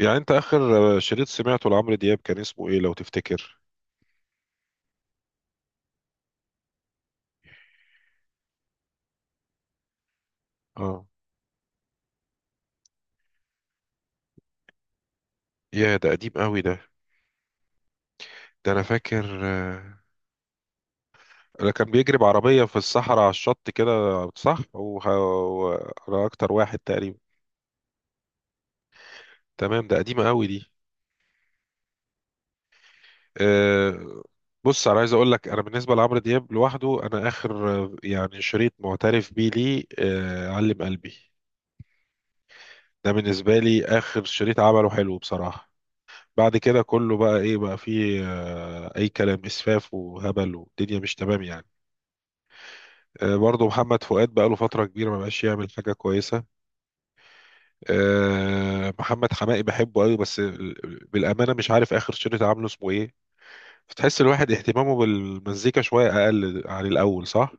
يعني انت اخر شريط سمعته لعمرو دياب كان اسمه ايه لو تفتكر؟ اه، يا ده قديم قوي ده. ده انا فاكر. انا كان بيجري بعربية في الصحراء على الشط كده، صح. وانا اكتر واحد تقريبا. تمام، ده قديمة قوي دي. آه، بص انا عايز اقول لك، انا بالنسبة لعمرو دياب لوحده، انا اخر شريط معترف بيه ليه علم قلبي. ده بالنسبة لي اخر شريط عمله حلو بصراحة. بعد كده كله بقى ايه؟ بقى فيه اي كلام اسفاف وهبل والدنيا مش تمام يعني. برضه محمد فؤاد بقى له فتره كبيره ما بقاش يعمل حاجه كويسه. محمد حماقي بحبه قوي، بس بالامانه مش عارف اخر شريط عامله اسمه ايه. فتحس الواحد اهتمامه بالمزيكا شويه اقل عن الاول، صح؟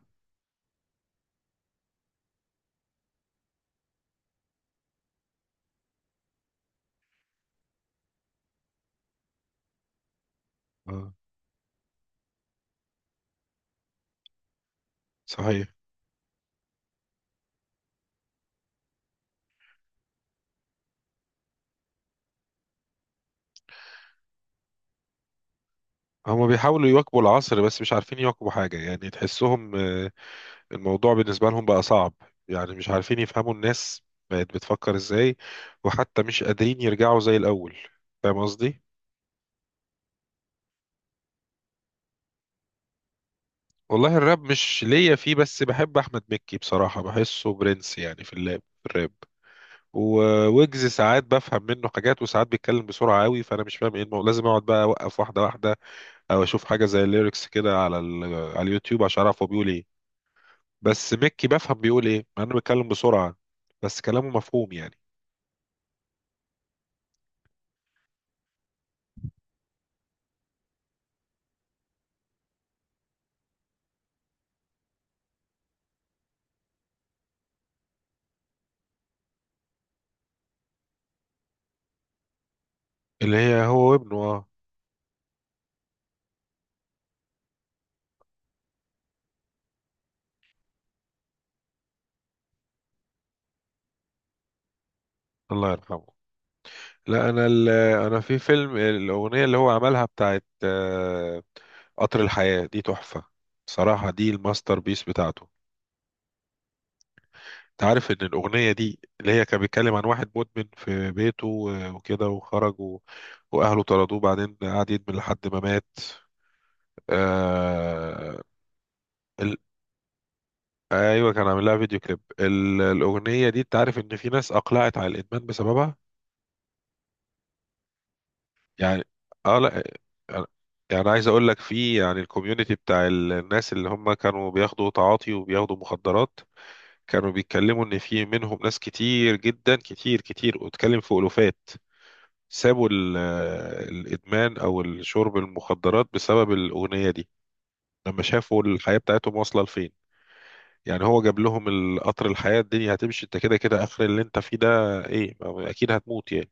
آه، صحيح. هما بيحاولوا يواكبوا العصر بس مش عارفين يواكبوا حاجه، يعني تحسهم الموضوع بالنسبة لهم بقى صعب، يعني مش عارفين يفهموا الناس بقت بتفكر ازاي، وحتى مش قادرين يرجعوا زي الأول. فاهم قصدي؟ والله الراب مش ليا فيه، بس بحب أحمد مكي بصراحة، بحسه برنس يعني في اللاب في الراب. وويجز ساعات بفهم منه حاجات وساعات بيتكلم بسرعة قوي، فأنا مش فاهم ايه لازم أقعد بقى أوقف واحدة واحدة، أو أشوف حاجة زي الليركس كده على اليوتيوب عشان أعرف هو بيقول ايه. بس مكي بفهم بيقول ايه، مع إنه بيتكلم بسرعة بس كلامه مفهوم يعني. اللي هي هو وابنه، اه. الله يرحمه. لا انا ال- انا في فيلم الاغنيه اللي هو عملها بتاعت قطر الحياه دي تحفه. صراحه دي الماستر بيس بتاعته. انت عارف ان الاغنيه دي اللي هي كان بيتكلم عن واحد مدمن في بيته وكده، وخرج واهله طردوه، بعدين قعد يدمن لحد ما مات. آه، ال- ايوه كان عامل لها فيديو كليب، الاغنيه دي انت عارف ان في ناس اقلعت على الادمان بسببها. يعني اه لا، يعني عايز اقول لك في يعني الكوميونتي بتاع الناس اللي هم كانوا بياخدوا تعاطي وبياخدوا مخدرات، كانوا بيتكلموا ان في منهم ناس كتير جدا، كتير كتير، واتكلم في الوفات، سابوا الادمان او الشرب المخدرات بسبب الاغنيه دي، لما شافوا الحياه بتاعتهم واصله لفين. يعني هو جاب لهم القطر الحياه، الدنيا هتمشي انت كده كده اخر اللي انت فيه ده ايه، اكيد هتموت يعني.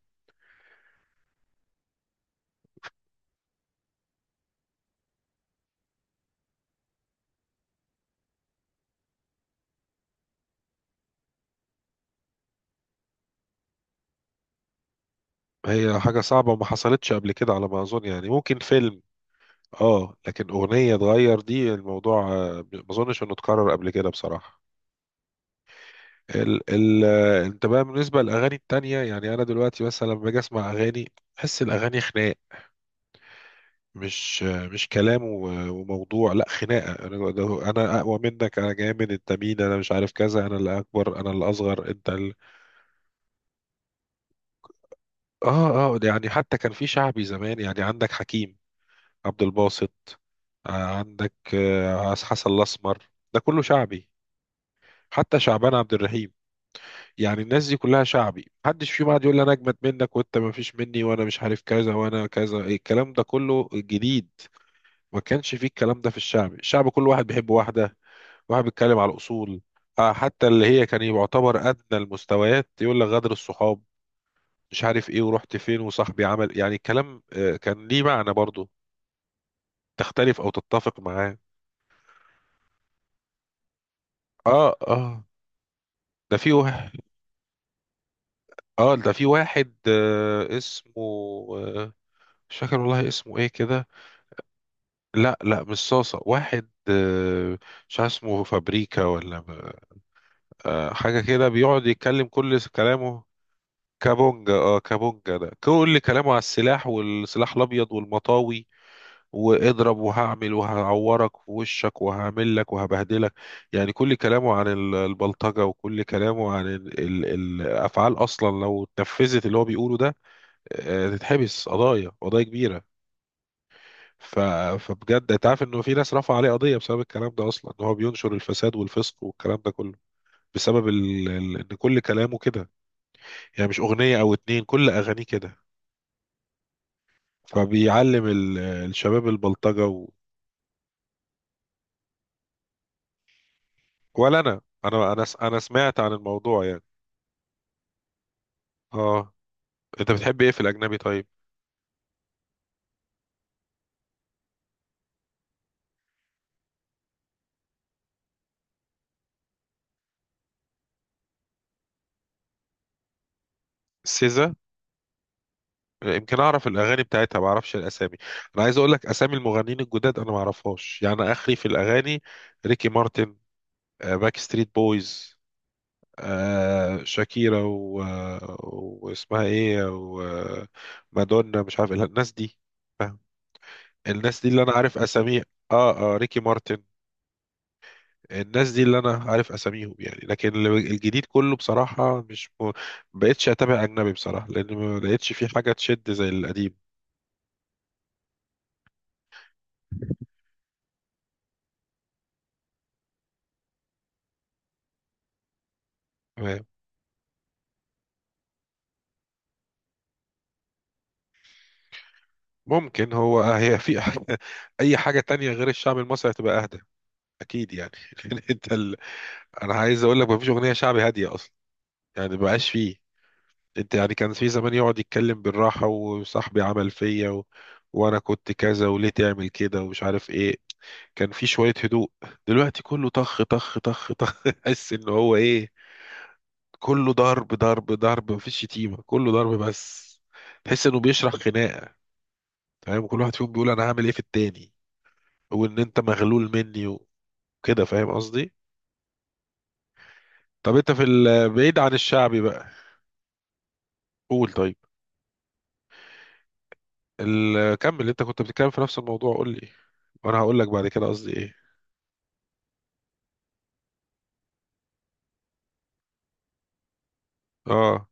هي حاجه صعبه وما حصلتش قبل كده على ما اظن، يعني ممكن فيلم، اه، لكن اغنيه اتغير دي الموضوع ما اظنش انه اتكرر قبل كده بصراحه. ال ال آه، انت بقى بالنسبه للاغاني التانية، يعني انا دلوقتي مثلا لما باجي اسمع اغاني بحس الاغاني خناق. مش مش كلام وموضوع، لا خناقه، انا انا اقوى منك، انا جامد، انت مين، انا مش عارف كذا، انا اللي اكبر، انا اللي اصغر، انت اه اه. ده يعني حتى كان في شعبي زمان، يعني عندك حكيم، عبد الباسط، آه، عندك حسن الاسمر، ده كله شعبي، حتى شعبان عبد الرحيم. يعني الناس دي كلها شعبي، محدش فيهم قاعد يقول لي انا اجمد منك وانت ما فيش مني وانا مش عارف كذا وانا كذا. إيه الكلام ده كله جديد؟ ما كانش فيه الكلام ده في الشعبي، الشعب كل واحد بيحب واحده، واحد بيتكلم على الاصول. حتى اللي هي كان يعتبر ادنى المستويات يقول لك غدر الصحاب مش عارف ايه، ورحت فين، وصاحبي عمل، يعني الكلام كان ليه معنى برضه، تختلف او تتفق معاه. اه اه. ده في واحد اه ده في واحد آه، اسمه آه، مش فاكر والله اسمه ايه كده. لا لا، مش صاصة، واحد مش عارف اسمه فابريكا ولا حاجة كده بيقعد يتكلم كل كلامه. كابونجا، اه كابونجا، ده كل كلامه على السلاح والسلاح الأبيض والمطاوي، واضرب وهعمل وهعورك في وشك وهعمل لك وهبهدلك. يعني كل كلامه عن البلطجة، وكل كلامه عن الأفعال أصلا لو اتنفذت اللي هو بيقوله ده تتحبس قضايا، قضايا كبيرة. ف... فبجد انت عارف انه في ناس رفع عليه قضيه بسبب الكلام ده اصلا، ان هو بينشر الفساد والفسق والكلام ده كله، بسبب ان كل كلامه كده، يعني مش اغنيه او اتنين، كل اغانيه كده، فبيعلم الشباب البلطجه ولا انا انا سمعت عن الموضوع يعني. اه، انت بتحب ايه في الاجنبي طيب؟ سيزا، يمكن اعرف الاغاني بتاعتها ما اعرفش الاسامي. انا عايز اقول لك اسامي المغنيين الجداد انا ما اعرفهاش، يعني اخري في الاغاني ريكي مارتن، باك ستريت بويز، آه شاكيرا واسمها ايه، ومادونا، مش عارف إيه الناس دي. الناس دي اللي انا عارف اساميها. اه اه، ريكي مارتن، الناس دي اللي انا عارف اساميهم يعني. لكن الجديد كله بصراحة مش م... بقتش اتابع اجنبي بصراحة، لان ما لقيتش في حاجة تشد زي القديم. تمام. ممكن هو هي في حاجة، اي حاجة تانية غير الشعب المصري هتبقى اهدى اكيد يعني. لأن انت انا عايز اقول لك مفيش اغنية شعبي هادية اصلا، يعني مبقاش فيه. انت يعني كان في زمان يقعد يتكلم بالراحة، وصاحبي عمل فيا وانا كنت كذا وليه تعمل كده ومش عارف ايه، كان في شوية هدوء. دلوقتي كله طخ طخ طخ طخ تحس ان هو ايه، كله ضرب ضرب ضرب، مفيش شتيمة كله ضرب بس، تحس انه بيشرح خناقة. فاهم كل واحد فيهم بيقول انا هعمل ايه في التاني، وان انت مغلول مني وكده، فاهم قصدي؟ طب انت في بعيد عن الشعبي بقى، قول طيب. كمل، انت كنت بتتكلم في نفس الموضوع، قول لي وانا هقول لك بعد كده قصدي ايه. اه،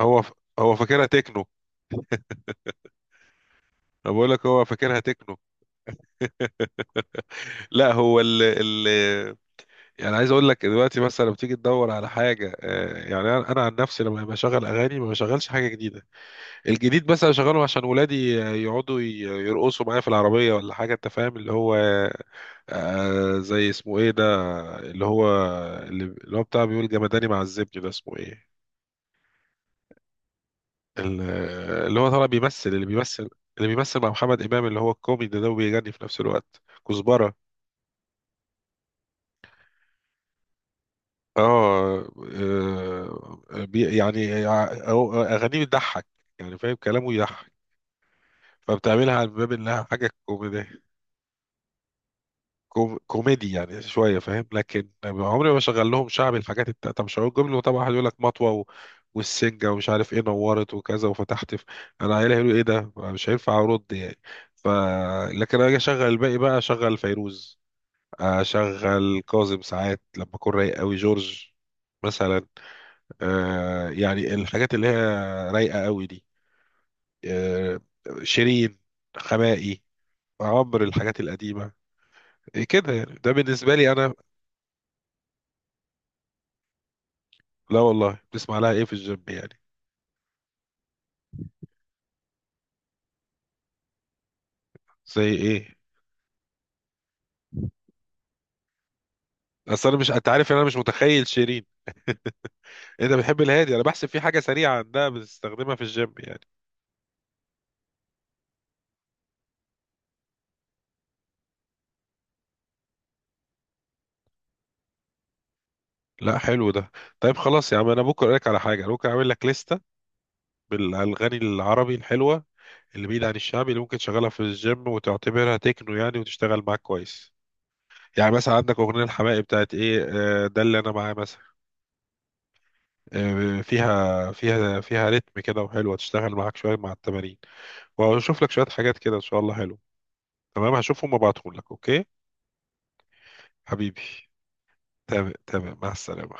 هو ف... هو فاكرها تكنو. انا بقول لك هو فاكرها تكنو. لا هو ال ال يعني عايز اقول لك دلوقتي مثلا لما تيجي تدور على حاجه آه، يعني انا أنا عن نفسي لما بشغل اغاني ما بشغلش حاجه جديده. الجديد بس بشغله عشان ولادي يقعدوا يرقصوا معايا في العربيه ولا حاجه، انت فاهم اللي هو زي اسمه ايه ده، اللي هو اللي هو بتاع بيقول جمداني مع الزبد ده اسمه ايه، ال- اللي هو طالع بيمثل، اللي بيمثل مع محمد إمام اللي هو الكوميدي ده وبيغني في نفس الوقت. كزبرة، اه. آه، بي- يعني يع- أو- أغانيه بتضحك، يعني فاهم كلامه يضحك، فبتعملها على باب إنها حاجة كوميدية. كوميدي يعني شويه، فاهم. لكن عمري ما شغل لهم شعبي، الحاجات التالتة مش هقول جمله طبعا، واحد يقول لك مطوه والسنجه ومش عارف ايه نورت وكذا وفتحت انا عيالي هيقولوا ايه ده؟ مش هينفع ارد يعني. ف لكن انا اجي اشغل الباقي، بقى اشغل فيروز، اشغل كاظم ساعات لما اكون رايق قوي، جورج مثلا، آه يعني الحاجات اللي هي رايقه قوي دي، آه شيرين، خمائي، عمرو، الحاجات القديمه كده يعني، ده بالنسبه لي انا. لا والله، بتسمع لها ايه في الجيم يعني؟ زي ايه؟ اصل انا مش، انت عارف ان انا مش متخيل شيرين. انت بتحب الهادي، انا بحسب في حاجه سريعه عندها بتستخدمها في الجيم يعني. لا حلو ده. طيب خلاص يا عم، انا ممكن اقول لك على حاجه، أنا ممكن اعمل لك لسته بالاغاني العربي الحلوه، اللي بعيد عن الشعبي، اللي ممكن تشغلها في الجيم وتعتبرها تكنو يعني وتشتغل معاك كويس. يعني مثلا عندك اغنيه الحماقي بتاعت ايه ده اللي انا معاه مثلا، فيها رتم كده وحلوه، تشتغل معاك شويه مع التمارين. واشوف لك شويه حاجات كده ان شاء الله حلوه. تمام هشوفهم وابعتهم لك، اوكي؟ حبيبي. تمام تمام، مع السلامة.